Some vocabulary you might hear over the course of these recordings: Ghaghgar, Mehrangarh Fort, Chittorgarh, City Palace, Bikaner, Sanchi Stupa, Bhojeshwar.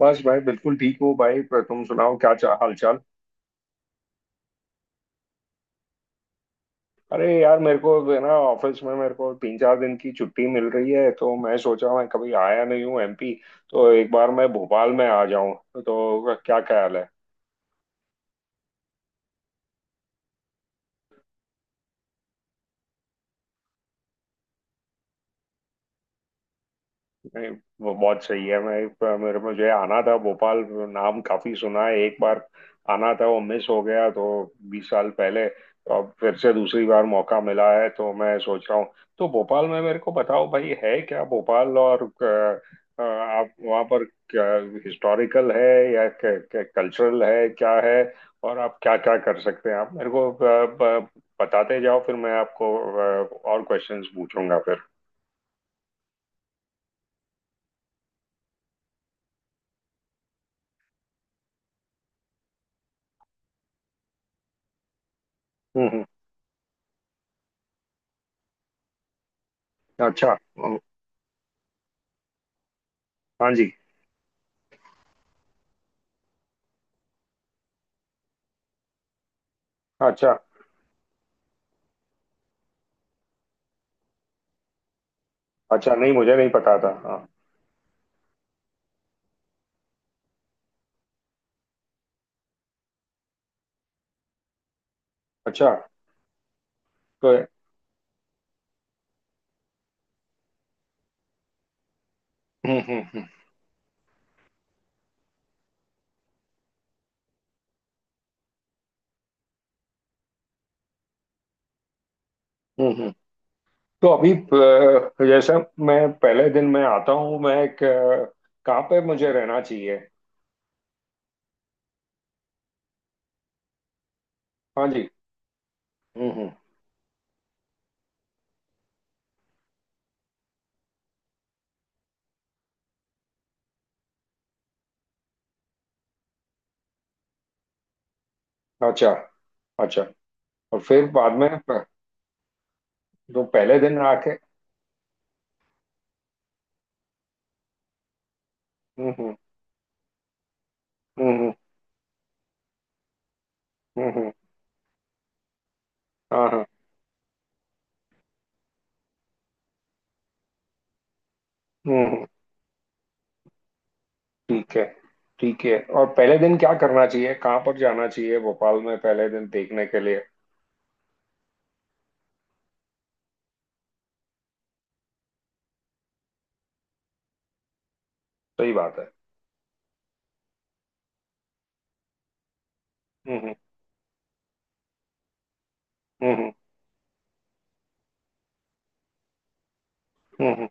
बस भाई, बिल्कुल ठीक हो भाई। पर तुम सुनाओ, क्या हाल चाल। अरे यार, मेरे को जो है ना ऑफिस में मेरे को 3 4 दिन की छुट्टी मिल रही है, तो मैं सोचा मैं कभी आया नहीं हूँ एमपी, तो एक बार मैं भोपाल में आ जाऊँ। तो क्या ख्याल है? नहीं, वो बहुत सही है। मैं पर मेरे मुझे आना था भोपाल। नाम काफी सुना है, एक बार आना था, वो मिस हो गया, तो 20 साल पहले। तो अब फिर से दूसरी बार मौका मिला है, तो मैं सोच रहा हूँ। तो भोपाल में मेरे को बताओ भाई, है क्या भोपाल, और आप वहाँ पर क्या हिस्टोरिकल है या कल्चरल है क्या है? और आप क्या क्या कर सकते हैं, आप मेरे को बताते जाओ, फिर मैं आपको और क्वेश्चंस पूछूंगा फिर। हम्म। अच्छा। हाँ जी। अच्छा। अच्छा, नहीं मुझे नहीं पता था, हाँ। अच्छा। तो हम्म। हम्म। हम्म। हम्म। हम्म। तो अभी जैसे मैं पहले दिन में आता हूँ, मैं एक कहाँ पे मुझे रहना चाहिए? हाँ जी। हम्म। हम्म, अच्छा। अच्छा। और फिर बाद में। तो पहले दिन आके हम्म। हम्म। हम्म। हम्म, हाँ हाँ। हम्म हम्म, ठीक है, ठीक है। और पहले दिन क्या करना चाहिए, कहाँ पर जाना चाहिए भोपाल में पहले दिन देखने के लिए? सही बात है। हम्म। हम्म। हम्म। हम्म। हम्म।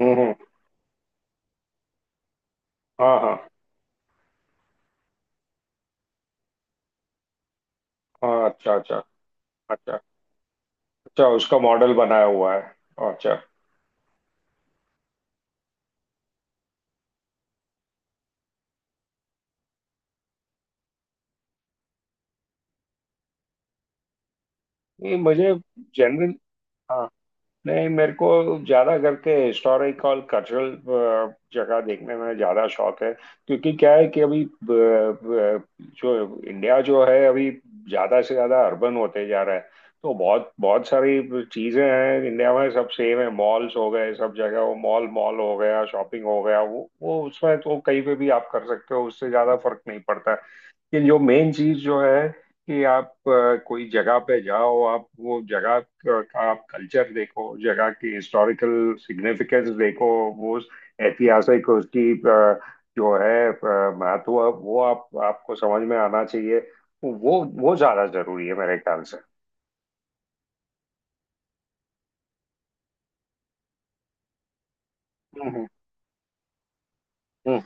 हम्म, हम्म, हाँ हाँ। हाँ, अच्छा। अच्छा। अच्छा। अच्छा, उसका मॉडल बनाया हुआ है? हाँ, अच्छा। नहीं मुझे, जनरल। हाँ। नहीं, मेरे को ज्यादा करके हिस्टोरिकल, कल्चरल जगह देखने में ज्यादा शौक है। क्योंकि क्या है कि अभी जो इंडिया जो है, अभी ज्यादा से ज्यादा अर्बन होते जा रहा है। तो बहुत बहुत सारी चीजें हैं, इंडिया में सब सेम है, मॉल्स हो गए सब जगह, वो मॉल मॉल हो गया, शॉपिंग हो गया। वो उसमें तो कहीं पे भी आप कर सकते हो, उससे ज्यादा फर्क नहीं पड़ता। कि जो मेन चीज जो है कि आप कोई जगह पे जाओ, आप वो जगह का आप कल्चर देखो, जगह की हिस्टोरिकल सिग्निफिकेंस देखो। वो ऐतिहासिक, उसकी जो है महत्व, वो आप आपको समझ में आना चाहिए। वो ज्यादा जरूरी है मेरे ख्याल से। हम्म। हम्म।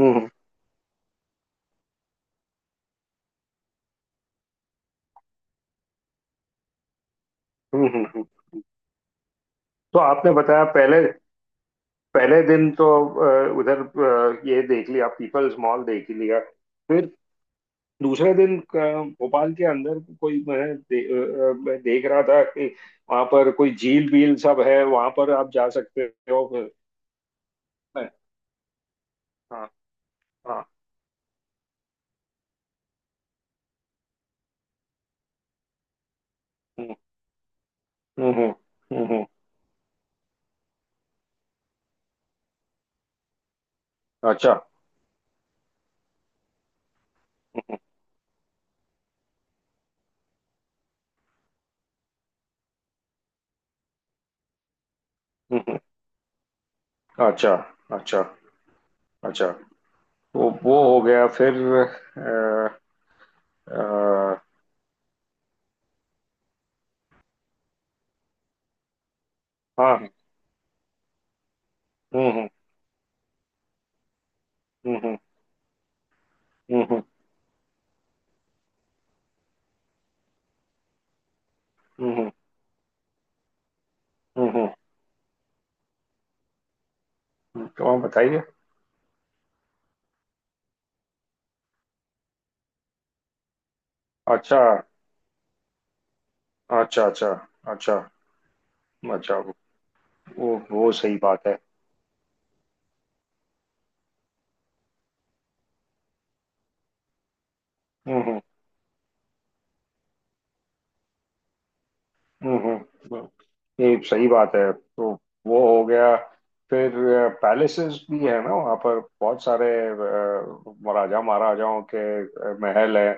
हम्म। हम्म। तो आपने बताया, पहले पहले दिन तो उधर ये देख लिया, पीपल्स मॉल देख लिया, फिर दूसरे दिन भोपाल के अंदर कोई, मैं देख रहा था कि वहां पर कोई झील बील सब है, वहां पर आप जा सकते हो। हाँ हाँ। हम्म। हम्म। हम्म। हम्म, हम्म, अच्छा। हम्म। हम्म, हम्म, अच्छा। अच्छा। अच्छा। तो वो हो गया, फिर आ, हाँ। हम्म। हम्म। हम्म। हम्म। हम्म। हम्म। हम्म, हम्म, हम्म, तो आप बताइए। अच्छा। अच्छा। अच्छा। अच्छा। अच्छा। वो सही बात है। हम्म। हम्म। ये सही बात है। तो वो हो गया, फिर पैलेसेस भी है ना वहाँ पर, बहुत सारे राजा महाराजाओं के महल है।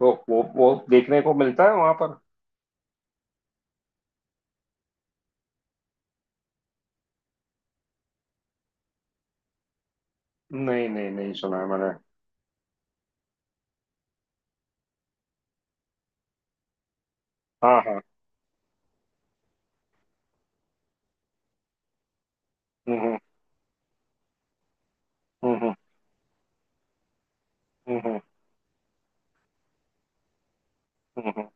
तो वो देखने को मिलता है वहाँ पर? नहीं नहीं, नहीं सुना है मैंने। हाँ हाँ। हम्म। हम्म। हम्म। हम्म। हम्म। हम्म।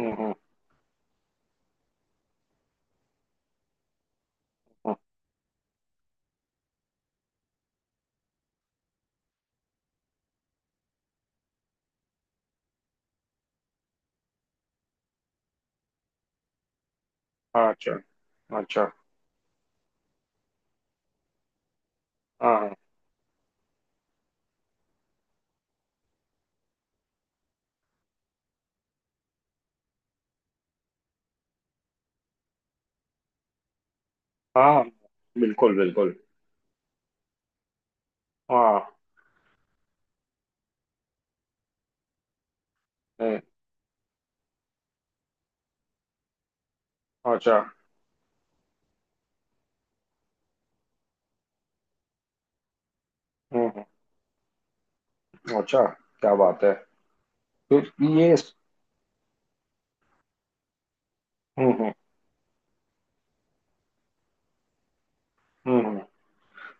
हम्म। हम्म, हाँ, अच्छा। अच्छा। हाँ हाँ। हाँ, हाँ। बिल्कुल बिल्कुल। हाँ। नहीं, अच्छा। हम्म। अच्छा, क्या बात है? फिर ये हम्म। हम्म। हम्म।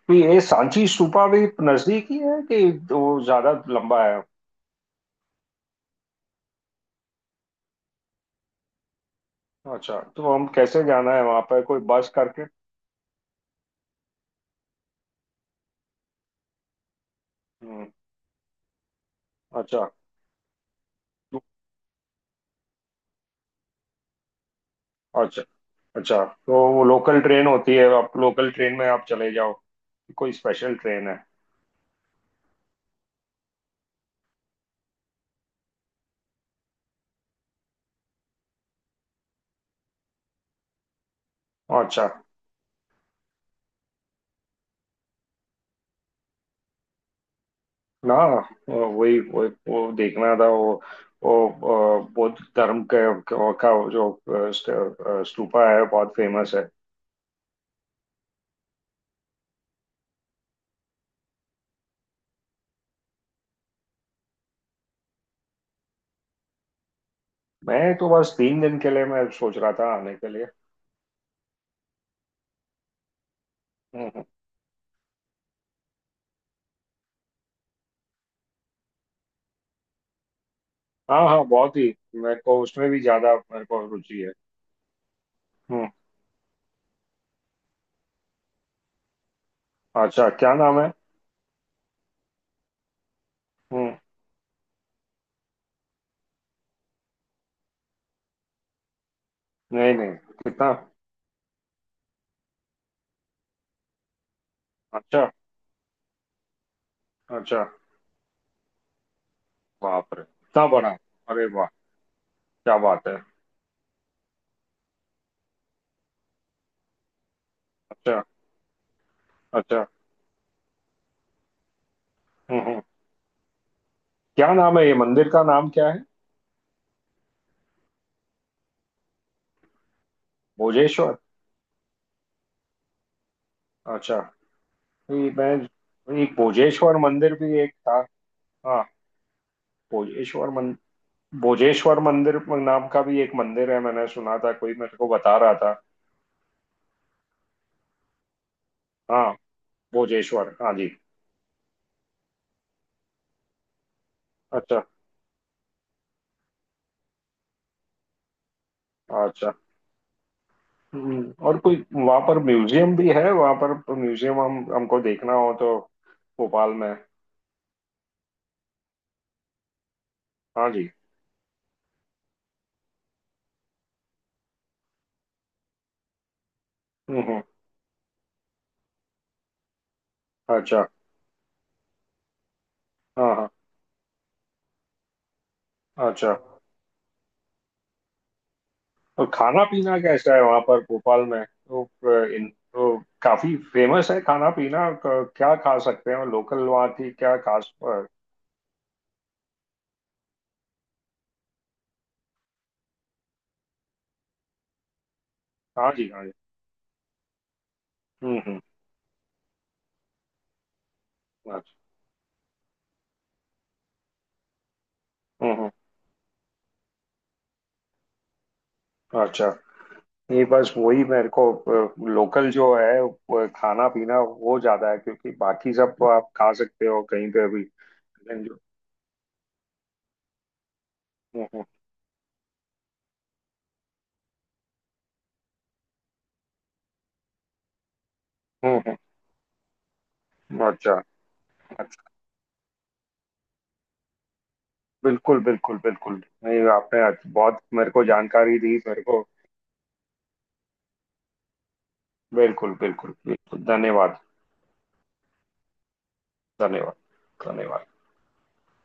तो ये सांची स्तूपा भी नजदीक ही है कि वो ज्यादा लंबा है? अच्छा, तो हम कैसे जाना है वहां पर, कोई बस करके? हम्म, अच्छा। तो- अच्छा अच्छा, तो वो लोकल ट्रेन होती है? आप लोकल ट्रेन में आप चले जाओ? कोई स्पेशल ट्रेन है? अच्छा। ना, वही वही वो देखना था, वो बौद्ध धर्म का, जो स्तूपा है, बहुत फेमस है। मैं तो बस 3 दिन के लिए मैं सोच रहा था आने के लिए। हम्म, हाँ हाँ, बहुत ही मेरे को उसमें भी ज्यादा मेरे को रुचि है। हम्म। अच्छा, क्या नाम है? हम्म। नहीं नहीं, कितना? अच्छा। अच्छा, बाप रे कितना बड़ा। अरे वाह, क्या बात है। अच्छा। अच्छा। हम्म। हम्म, क्या नाम है? ये मंदिर का नाम क्या है? भोजेश्वर। अच्छा, ये मैं एक भोजेश्वर मंदिर भी एक था, हाँ। भोजेश्वर मन, भोजेश्वर मंदिर नाम का भी एक मंदिर है, मैंने सुना था, कोई मेरे को बता रहा था। हाँ, भोजेश्वर, हाँ जी। अच्छा। अच्छा। और कोई वहां पर म्यूजियम भी है वहां पर? म्यूजियम हम हमको देखना हो तो, भोपाल में? हाँ जी। हम्म। अच्छा। हाँ हाँ। अच्छा। और खाना पीना कैसा है वहां पर भोपाल में? तो इन तो काफी फेमस है, खाना पीना क्या खा सकते हैं लोकल वहाँ की, क्या खास। हाँ जी, हाँ जी। हम्म। हम्म, अच्छा। हम्म। अच्छा। नहीं बस वही मेरे को लोकल जो है वो खाना पीना, वो ज्यादा है, क्योंकि बाकी सब आप खा सकते हो कहीं पे भी। डेंगू। हम्म। हम्म। हम्म, अच्छा। अच्छा। बिल्कुल बिल्कुल बिल्कुल। नहीं, आपने आज बहुत मेरे को जानकारी दी मेरे को। बिल्कुल बिल्कुल बिल्कुल, धन्यवाद। धन्यवाद। धन्यवाद।